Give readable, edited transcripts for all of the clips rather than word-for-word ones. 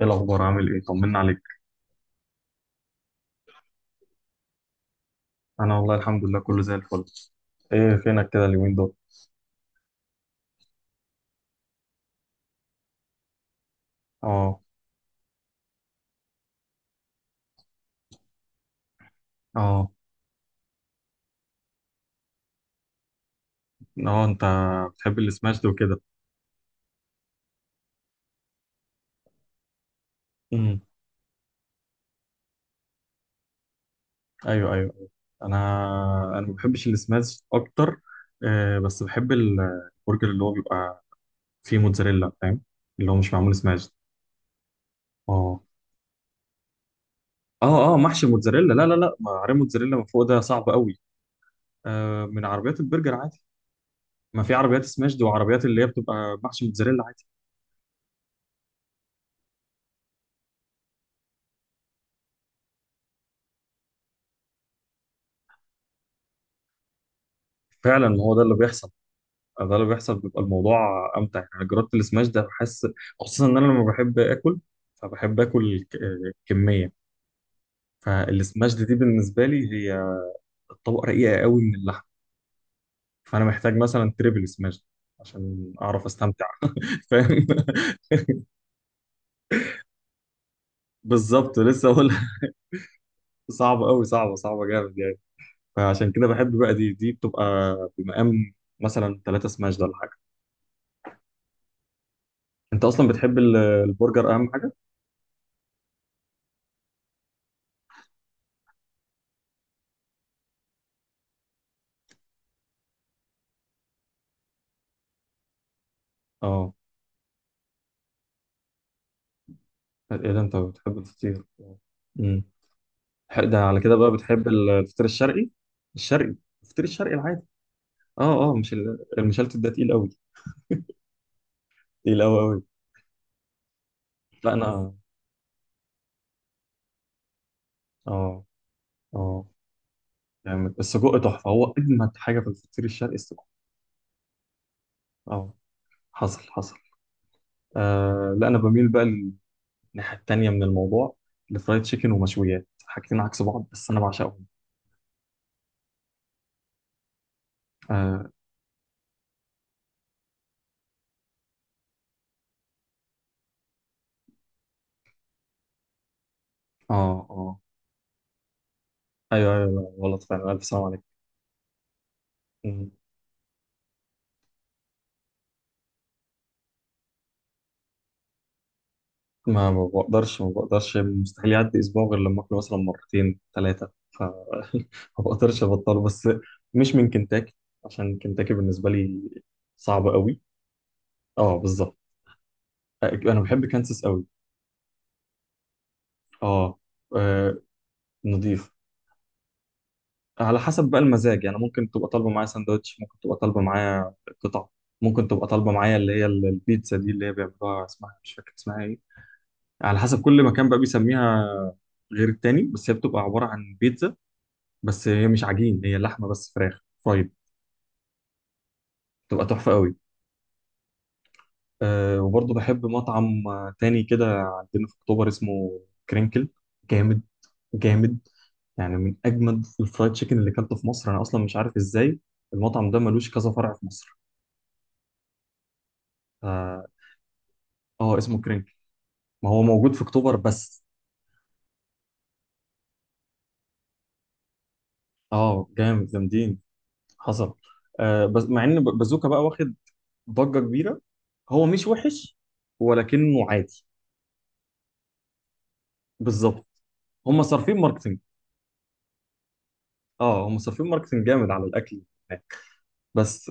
ايه الاخبار؟ عامل ايه؟ طمنا عليك. انا والله الحمد لله كله زي الفل. ايه فينك كده اليومين دول؟ اه، اه، اه. انت بتحب السماش ده وكده؟ امم ايوه، ايوه، أيوة. انا انا ما بحبش السماش اكتر. بس بحب البرجر اللي هو بيبقى فيه موتزاريلا، فاهم؟ اللي هو مش معمول سماش. اه، اه، اه، محشي موتزاريلا. لا، لا، لا، ما عرق موتزاريلا من فوق، ده صعب قوي. آه، من عربيات البرجر عادي. ما في عربيات سماش دي، وعربيات اللي هي بتبقى محشي موتزاريلا عادي. فعلا هو ده اللي بيحصل. ده اللي بيحصل، بيبقى الموضوع امتع يعني. أنا جربت السماش ده، بحس خصوصا ان انا لما بحب اكل، فبحب اكل كميه. فالسماش دي بالنسبه لي هي طبقه رقيقه قوي من اللحم. فانا محتاج مثلا تريبل سماش عشان اعرف استمتع. فاهم، بالظبط، لسه اقول. صعبه قوي، صعبه، صعبه جامد يعني. فعشان كده بحب بقى، دي بتبقى بمقام مثلا ثلاثة سماش ده ولا حاجه. انت اصلا بتحب البرجر، اهم حاجه. اه، ايه ده، انت بتحب الفطير؟ ده على كده بقى بتحب الفطير الشرقي؟ الشرقي، الفطير الشرقي العادي. اه، اه، مش المشلتت ده تقيل قوي. تقيل قوي قوي. لا انا اه اه يعني السجق تحفه، هو اجمد حاجه في الفطير الشرقي السجق. اه، حصل، حصل. آه، لا انا بميل بقى للناحيه التانيه من الموضوع، لفرايد تشيكن ومشويات، حاجتين عكس بعض، بس انا بعشقهم. اه، اه، آه. ايوه، ايوه، لا، غلط فعلا. الف سلام عليك. ما بقدرش، ما بقدرش مستحيل يعدي اسبوع غير لما اكله مثلا مرتين ثلاثه. ف ما بقدرش ابطله، بس مش من كنتاكي. عشان كنتاكي بالنسبه لي صعب قوي. اه، بالظبط. انا بحب كانساس قوي. اه، آه، نضيف. على حسب بقى المزاج. يعني ممكن تبقى طالبه معايا ساندوتش، ممكن تبقى طالبه معايا قطع، ممكن تبقى طالبه معايا اللي هي البيتزا دي اللي هي بيعملوها، اسمها مش فاكر اسمها ايه. على حسب كل مكان بقى بيسميها غير التاني، بس هي بتبقى عباره عن بيتزا. بس هي مش عجين، هي لحمه بس، فراخ فرايد. تبقى تحفه قوي. أه، وبرضه بحب مطعم تاني كده عندنا في اكتوبر، اسمه كرينكل. جامد، جامد. يعني من اجمد الفرايد تشيكن اللي اكلته في مصر. انا اصلا مش عارف ازاي المطعم ده ملوش كذا فرع في مصر. اه، اسمه كرينكل. ما هو موجود في اكتوبر بس. اه، جامد، جامدين. حصل. آه، بس مع ان بازوكا بقى واخد ضجه كبيره. هو مش وحش، ولكنه عادي. بالظبط، هم صارفين ماركتنج. اه، هم صارفين ماركتنج جامد على الاكل هناك بس.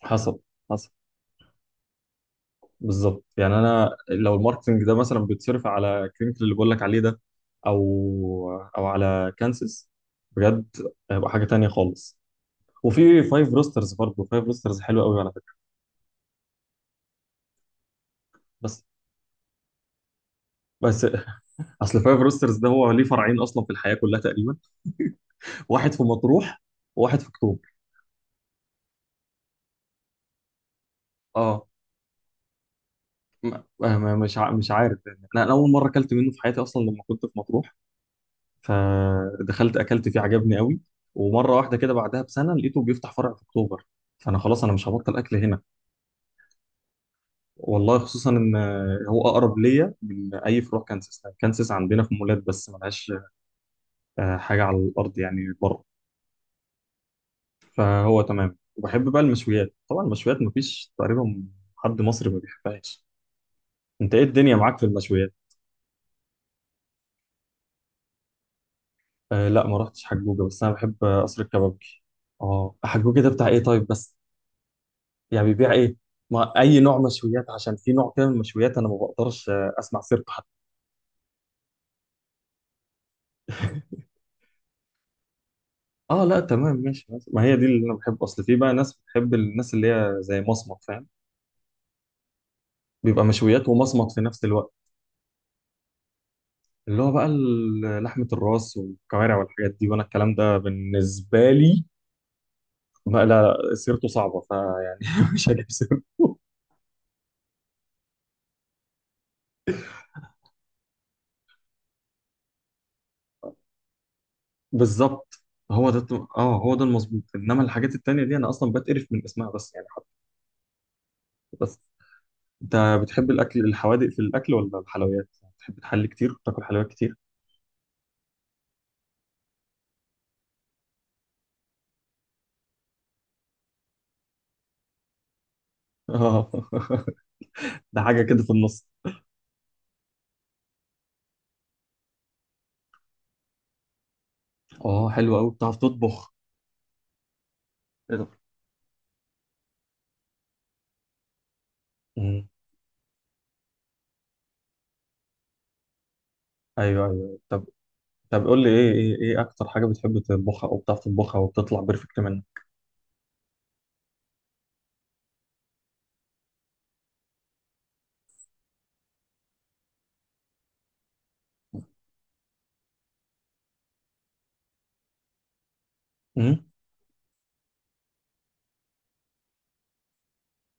حصل، حصل. بالظبط، يعني انا لو الماركتنج ده مثلا بيتصرف على كرينكل اللي بقول لك عليه ده، او او على كانسس، بجد هيبقى حاجه تانية خالص. وفي فايف روسترز برضه. فايف روسترز حلو قوي على فكره. بس بس اصل فايف روسترز ده هو ليه فرعين اصلا في الحياه كلها تقريبا. واحد في مطروح، وواحد في اكتوبر. اه، مش عارف يعني. انا اول مره اكلت منه في حياتي اصلا لما كنت في مطروح، فدخلت اكلت فيه عجبني قوي. ومره واحده كده بعدها بسنه لقيته بيفتح فرع في اكتوبر. فانا خلاص، انا مش هبطل اكل هنا. والله خصوصا ان هو اقرب ليا من اي فروع كانسس. كانسس عندنا في مولات بس ملهاش حاجه على الارض يعني بره. فهو تمام. وبحب بقى المشويات، طبعا المشويات مفيش تقريبا حد مصري ما بيحبهاش. انت ايه الدنيا معاك في المشويات؟ آه، لا ما رحتش حجوجه، بس انا بحب قصر الكبابجي. اه، حجوجه ده بتاع ايه؟ طيب بس يعني بيبيع ايه؟ ما اي نوع مشويات؟ عشان في نوع كده من المشويات انا ما بقدرش اسمع سيرته حتى. اه، لا تمام، ماشي ماشي. ما هي دي اللي انا بحب. اصل في بقى ناس بتحب الناس اللي هي زي مصمت، فاهم؟ بيبقى مشويات ومصمت في نفس الوقت. اللي هو بقى لحمة الراس والكوارع والحاجات دي. وانا الكلام ده بالنسبة لي بقى لا، سيرته صعبة فيعني. مش هجيب سيرته بالظبط، هو ده هو ده المظبوط. انما الحاجات التانية دي انا اصلا بتقرف من اسمها، بس يعني حتى. بس انت بتحب الاكل الحوادق في الاكل ولا الحلويات؟ بتحب تحلي كتير، تاكل حلويات كتير؟ اه، ده حاجه كده في النص. اه، حلو قوي. بتعرف تطبخ؟ ايه ده؟ مم. ايوه، ايوه، طب. طب قول لي ايه اكتر حاجه بتحب تطبخها، او بتعرف تطبخها وبتطلع بيرفكت منها؟ امم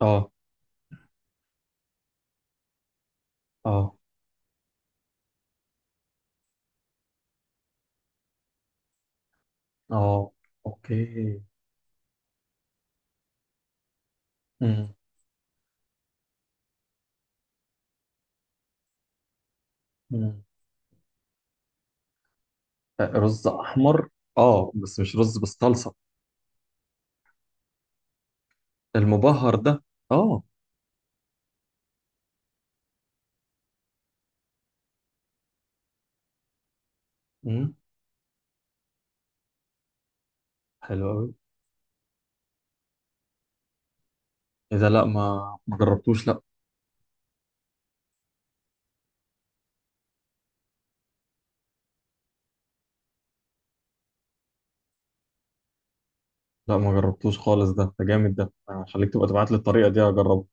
اه، اه، اه، اوكي. امم امم رز احمر. اه، بس مش رز بالصلصه. المبهر ده. اه، امم حلو قوي. اذا لا، ما جربتوش. لا، ما جربتوش خالص. ده جامد. ده أنا هخليك تبقى تبعت لي الطريقه دي اجربه.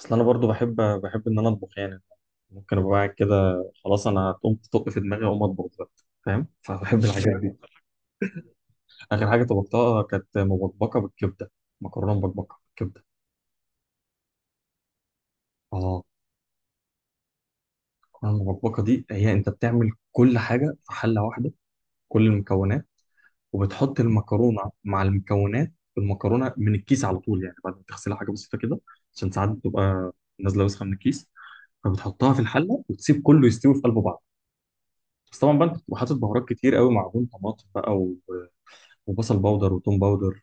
اصل انا برضو بحب ان انا اطبخ يعني. ممكن ابقى قاعد كده، خلاص انا هتقوم تطق في دماغي، اقوم اطبخ دلوقتي، فاهم؟ فبحب الحاجات دي. اخر حاجه طبختها كانت مبكبكه بالكبده. مكرونه مبكبكه بالكبده. اه. المكرونه المبكبكه دي، هي انت بتعمل كل حاجه في حله واحده. كل المكونات، وبتحط المكرونه مع المكونات، المكرونه من الكيس على طول يعني بعد ما تغسلها حاجه بسيطه كده. عشان ساعات بتبقى نازله وسخه من الكيس. فبتحطها في الحله وتسيب كله يستوي في قلب بعض. بس طبعا بقى انت بتبقى حاطط بهارات كتير قوي، معجون طماطم بقى، وبصل باودر وتوم باودر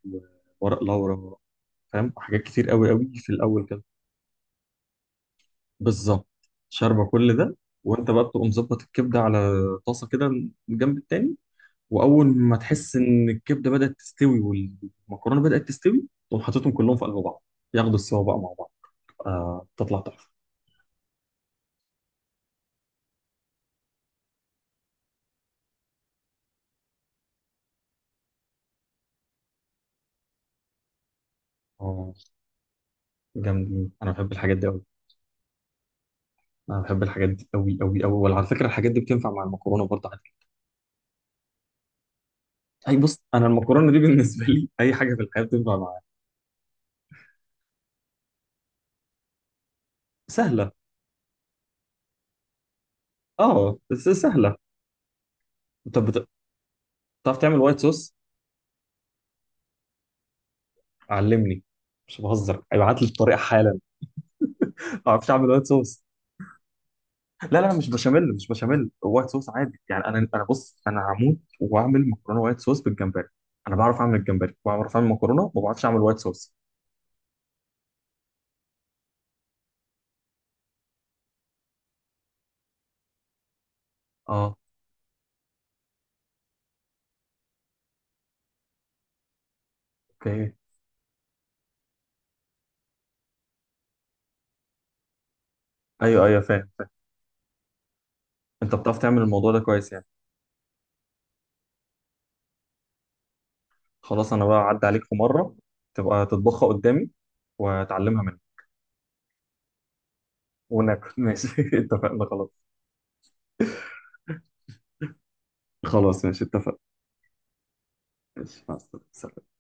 وورق لورا، فاهم؟ حاجات كتير قوي قوي في الاول كده. بالظبط، شاربه كل ده. وانت بقى بتبقى مظبط الكبده على طاسه كده من الجنب التاني. واول ما تحس ان الكبده بدات تستوي والمكرونه بدات تستوي، تقوم حاططهم كلهم في قلب بعض، ياخدوا السوا بقى مع بعض. آه، تطلع تحفه. اه، جامدين. انا بحب الحاجات دي قوي. انا بحب الحاجات دي قوي قوي قوي. وعلى فكره الحاجات دي بتنفع مع المكرونه برضه عادي. اي، بص انا المكرونه دي بالنسبه لي اي حاجه في الحياه بتنفع معاها. سهله. اه، بس سهله. طب بتعرف تعمل وايت صوص؟ علمني، مش بهزر، ابعت لي الطريقه حالا. ما بعرفش اعمل وايت صوص. لا، لا، لا، مش بشاميل، مش بشاميل، وايت صوص عادي يعني. انا بص، انا هموت واعمل مكرونه وايت صوص بالجمبري. انا بعرف اعمل الجمبري، بعرف اعمل مكرونه، ما بعرفش اعمل وايت صوص. اه، اوكي. ايوه، ايوه، فاهم، فاهم. انت بتعرف تعمل الموضوع ده كويس يعني. خلاص انا بقى اعدي عليك في مره، تبقى تطبخها قدامي واتعلمها منك، وناكل. ماشي، اتفقنا. خلاص. خلاص ماشي اتفقنا. ماشي، مع السلامه.